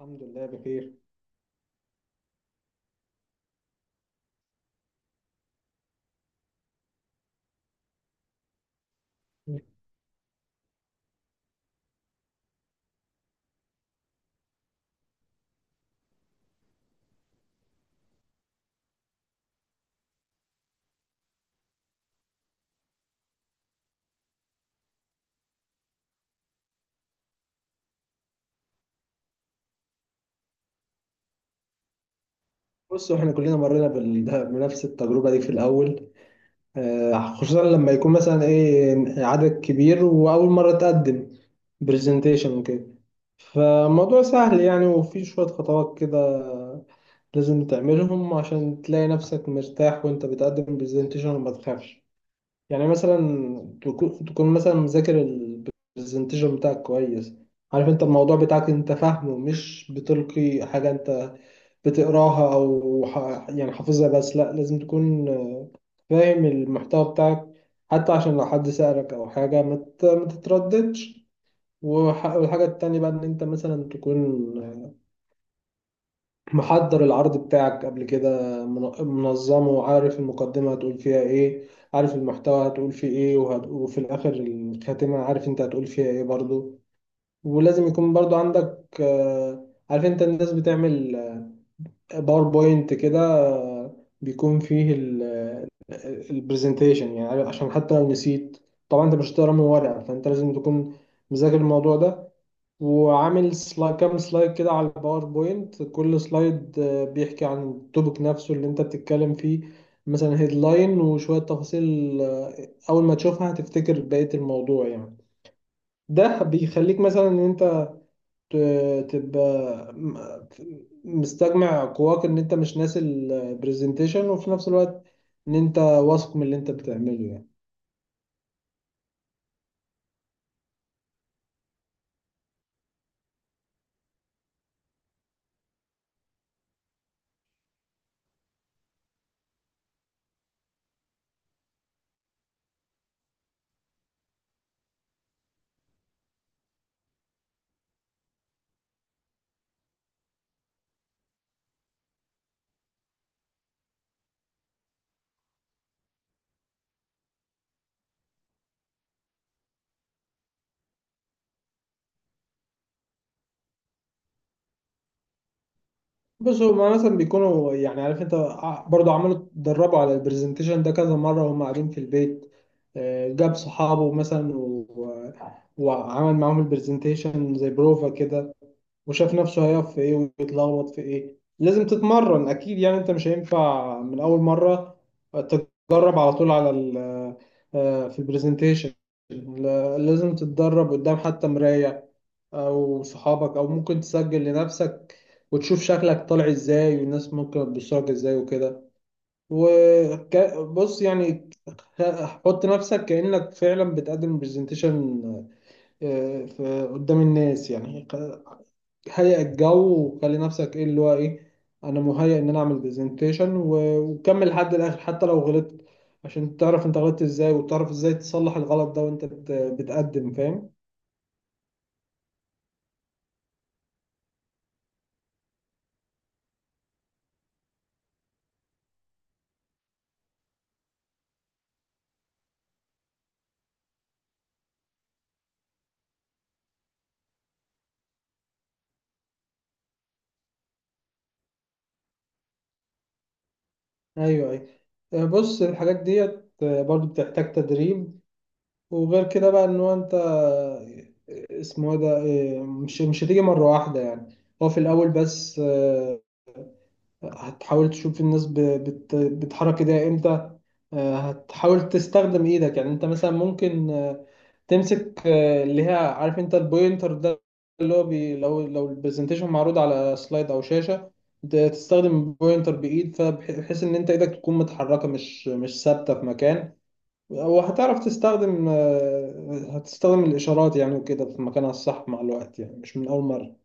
الحمد لله بخير. بصوا احنا كلنا مرينا بال- بنفس التجربة دي في الأول، خصوصا لما يكون مثلا ايه عدد كبير وأول مرة تقدم برزنتيشن وكده. فالموضوع سهل يعني، وفي شوية خطوات كده لازم تعملهم عشان تلاقي نفسك مرتاح وانت بتقدم برزنتيشن وما تخافش. يعني مثلا تكون مثلا مذاكر البرزنتيشن بتاعك كويس. عارف انت الموضوع بتاعك، انت فاهمه، مش بتلقي حاجة انت بتقراها او يعني حافظها، بس لا لازم تكون فاهم المحتوى بتاعك حتى عشان لو حد سألك او حاجة ما تترددش. والحاجة التانية بقى ان انت مثلا تكون محضر العرض بتاعك قبل كده، من- منظمه، وعارف المقدمة هتقول فيها ايه، عارف المحتوى هتقول فيه ايه وفي الاخر الخاتمة عارف انت هتقول فيها ايه برضو. ولازم يكون برضو عندك عارف انت الناس بتعمل باوربوينت كده، بيكون فيه البرزنتيشن يعني، عشان حتى لو نسيت طبعا انت مش هتقرا من ورقه، فانت لازم تكون مذاكر الموضوع ده، وعامل سلايد كام سلايد كده على الباوربوينت. كل سلايد بيحكي عن التوبيك نفسه اللي انت بتتكلم فيه، مثلا هيدلاين وشوية تفاصيل. أول ما تشوفها هتفتكر بقية الموضوع يعني. ده بيخليك مثلا إن أنت تبقى م- مستجمع قواك، ان انت مش ناسي البرزنتيشن، وفي نفس الوقت ان انت واثق من اللي انت بتعمله يعني. بص هما مثلا بيكونوا، يعني عارف انت، برضو عملوا، اتدربوا على البرزنتيشن ده كذا مرة وهم قاعدين في البيت. جاب صحابه مثلا وعمل معاهم البرزنتيشن زي بروفا كده، وشاف نفسه هيقف في ايه ويتلخبط في ايه. لازم تتمرن اكيد يعني، انت مش هينفع من اول مره تتدرب على طول على ال آه، في البرزنتيشن. لازم تتدرب قدام حتى مرايه او صحابك، او ممكن تسجل لنفسك وتشوف شكلك طالع ازاي والناس ممكن تبصلك ازاي وكده. وبص يعني، حط نفسك كأنك فعلا بتقدم برزنتيشن قدام الناس يعني، هيئ الجو وخلي نفسك ايه اللي هو ايه، انا مهيئ ان انا اعمل برزنتيشن، وكمل لحد الاخر حتى لو غلطت. عشان تعرف انت غلطت ازاي، وتعرف ازاي تصلح الغلط ده وانت بتقدم، فاهم. ايوه، ايوه. بص الحاجات ديت برضو بتحتاج تدريب. وغير كده بقى ان هو انت، اسمه إيه ده، مش هتيجي مرة واحدة يعني. هو في الاول بس، هتحاول تشوف الناس بتحرك ايديها امتى. هتحاول تستخدم ايدك، يعني انت مثلا ممكن تمسك اللي هي عارف انت البوينتر ده، اللي هو بي لو لو البرزنتيشن معروض على سلايد او شاشة، تستخدم البوينتر بايد، فبحيث ان انت ايدك تكون متحركة، مش ثابتة في مكان. وهتعرف تستخدم، هتستخدم الاشارات يعني وكده في مكانها الصح مع الوقت يعني، مش من اول مرة.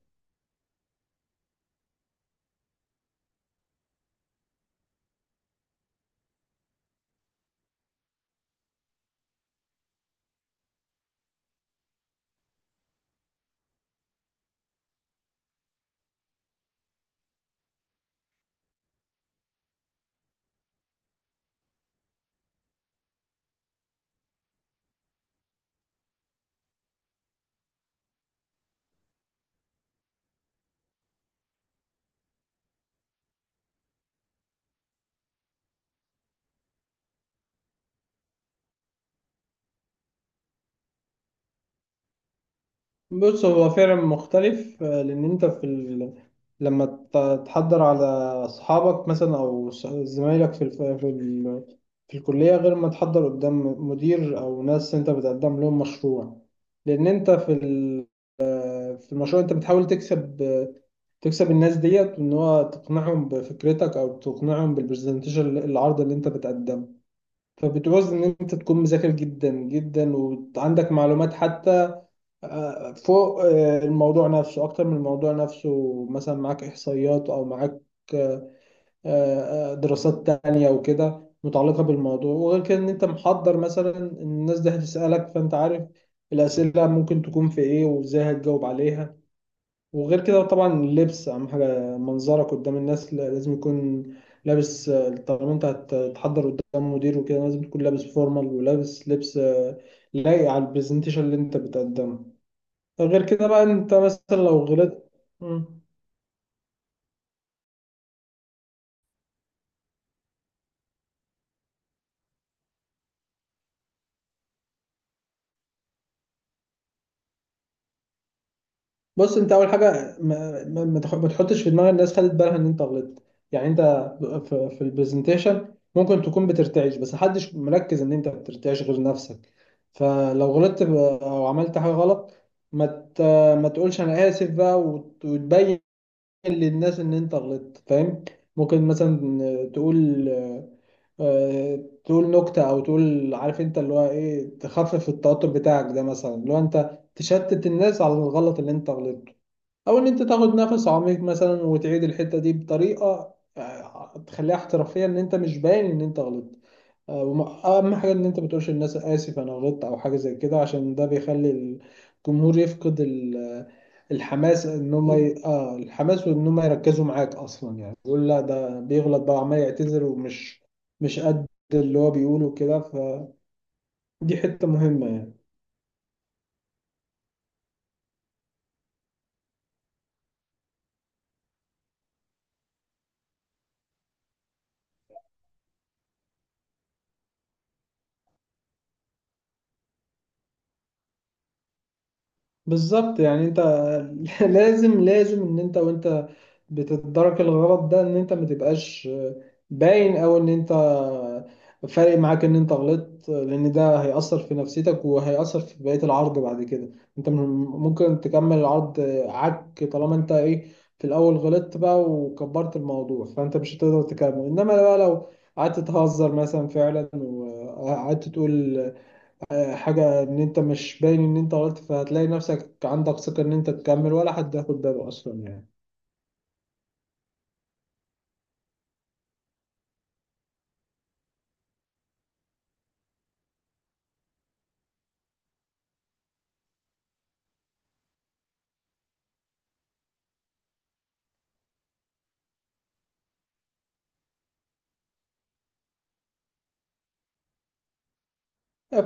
بص هو فعلا مختلف، لان انت لما تحضر على اصحابك مثلا، او زمايلك في الف... في ال... في الكليه، غير ما تحضر قدام مدير او ناس انت بتقدم لهم مشروع. لان انت في المشروع انت بتحاول تكسب الناس ديت، ان هو تقنعهم بفكرتك او تقنعهم بالبرزنتيشن، العرض اللي انت بتقدمه. فبتعوز ان انت تكون مذاكر جدا جدا، وعندك معلومات حتى فوق الموضوع نفسه، اكتر من الموضوع نفسه. مثلا معاك احصائيات او معاك آه، دراسات تانية وكده متعلقة بالموضوع. وغير كده ان انت محضر مثلا إن الناس دي هتسألك، فانت عارف الأسئلة ممكن تكون في ايه وازاي هتجاوب عليها. وغير كده طبعا، اللبس اهم حاجة، منظرك قدام الناس، لازم يكون لابس. طالما انت هتتحضر قدام مدير وكده، لازم تكون لابس فورمال، ولابس لبس لايق على البرزنتيشن اللي انت بتقدمه. غير كده بقى انت مثلا لو غلطت. مم. بص، انت اول حاجه، ما تحطش في دماغ الناس، خدت بالها ان انت غلطت. يعني انت في البرزنتيشن ممكن تكون بترتعش، بس محدش مركز ان انت بترتعش غير نفسك. فلو غلطت او عملت حاجه غلط، ما ت- ما تقولش انا اسف بقى، وتبين للناس ان انت غلطت، فاهم. ممكن مثلا تقول تقول نكتة، او تقول عارف انت اللي هو ايه، تخفف التوتر بتاعك ده، مثلا اللي هو انت تشتت الناس على الغلط اللي انت غلطته. او ان انت تاخد نفس عميق مثلا، وتعيد الحتة دي بطريقة تخليها احترافية، ان انت مش باين ان انت غلطت. اهم حاجه ان انت ما تقولش للناس اسف انا غلطت، او حاجه زي كده، عشان ده بيخلي الجمهور يفقد الحماس، ان هم ي... اه الحماس، وان هم يركزوا معاك اصلا يعني. يقول لا ده بيغلط بقى، عمال يعتذر، ومش مش قد اللي هو بيقوله كده، فدي حته مهمه يعني. بالظبط، يعني انت لازم ان انت وانت بتتدرك الغلط ده، ان انت ما تبقاش باين، او ان انت فارق معاك ان انت غلطت، لان ده هيأثر في نفسيتك وهيأثر في بقية العرض بعد كده. انت ممكن تكمل العرض، طالما انت ايه، في الاول غلطت بقى وكبرت الموضوع، فانت مش هتقدر تكمل. انما بقى لو قعدت تهزر مثلا فعلا، وقعدت تقول حاجة إن أنت مش باين إن أنت غلطت، فهتلاقي نفسك عندك ثقة إن أنت تكمل، ولا حد هياخد باله أصلا يعني.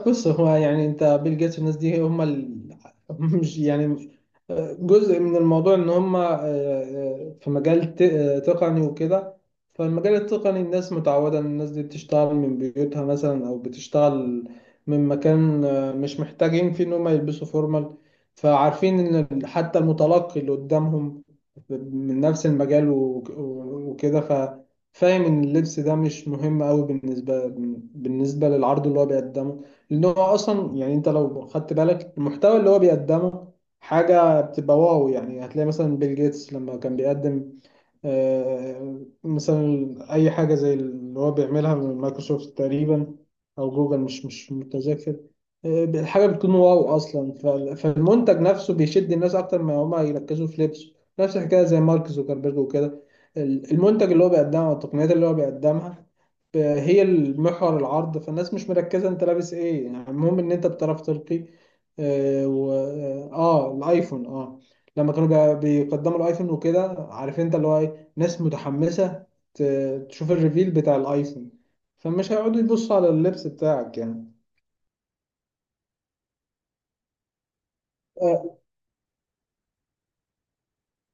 بص، هو يعني انت بيل جيتس والناس دي، هم مش يعني، جزء من الموضوع ان هم في مجال تقني وكده. فالمجال التقني الناس متعودة ان الناس دي بتشتغل من بيوتها مثلا، او بتشتغل من مكان مش محتاجين فيه ان هم يلبسوا فورمال. فعارفين ان حتى المتلقي اللي قدامهم من نفس المجال وكده، فاهم ان اللبس ده مش مهم قوي، بالنسبة للعرض اللي هو بيقدمه. ان هو اصلا يعني، انت لو خدت بالك المحتوى اللي هو بيقدمه حاجه بتبقى واو يعني. هتلاقي مثلا بيل جيتس لما كان بيقدم، مثلا اي حاجه زي اللي هو بيعملها من مايكروسوفت تقريبا، او جوجل، مش متذكر. الحاجه بتكون واو اصلا، فالمنتج نفسه بيشد الناس اكتر ما هما يركزوا في لبسه. نفس الحكايه زي مارك زوكربيرج وكده، المنتج اللي هو بيقدمه والتقنيات اللي هو بيقدمها هي المحور العرض، فالناس مش مركزة انت لابس ايه، يعني المهم ان انت بتعرف تلقي. اه, و... اه آه، الايفون، لما كانوا بيقدموا الايفون وكده، عارف انت اللي هو ايه، ناس متحمسة تشوف الريفيل بتاع الايفون، فمش هيقعدوا يبصوا على اللبس بتاعك يعني.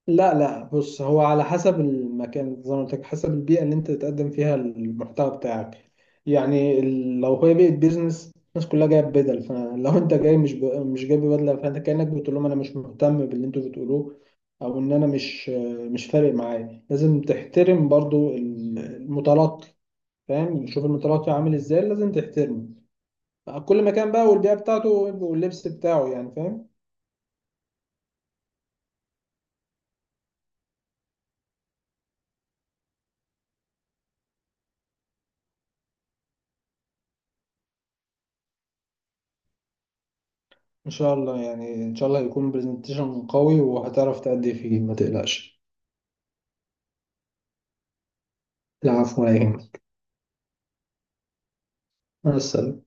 لا، لا. بص، هو على حسب المكان زي ما قلت لك، حسب البيئة اللي انت تقدم فيها المحتوى بتاعك. يعني لو هي بيئة بيزنس الناس كلها جاية بدل، فلو انت جاي مش جايب بدلة، فانت كأنك بتقول لهم انا مش مهتم باللي انتوا بتقولوه، او ان انا مش فارق معايا. لازم تحترم برضو المتلقي، فاهم. شوف المتلقي عامل ازاي، لازم تحترمه، كل مكان بقى والبيئة بتاعته واللبس بتاعه يعني، فاهم. ان شاء الله يعني، ان شاء الله يكون برزنتيشن قوي، وهتعرف تأدي فيه، ما تقلقش. العفو، ولا يهمك. مع السلامة.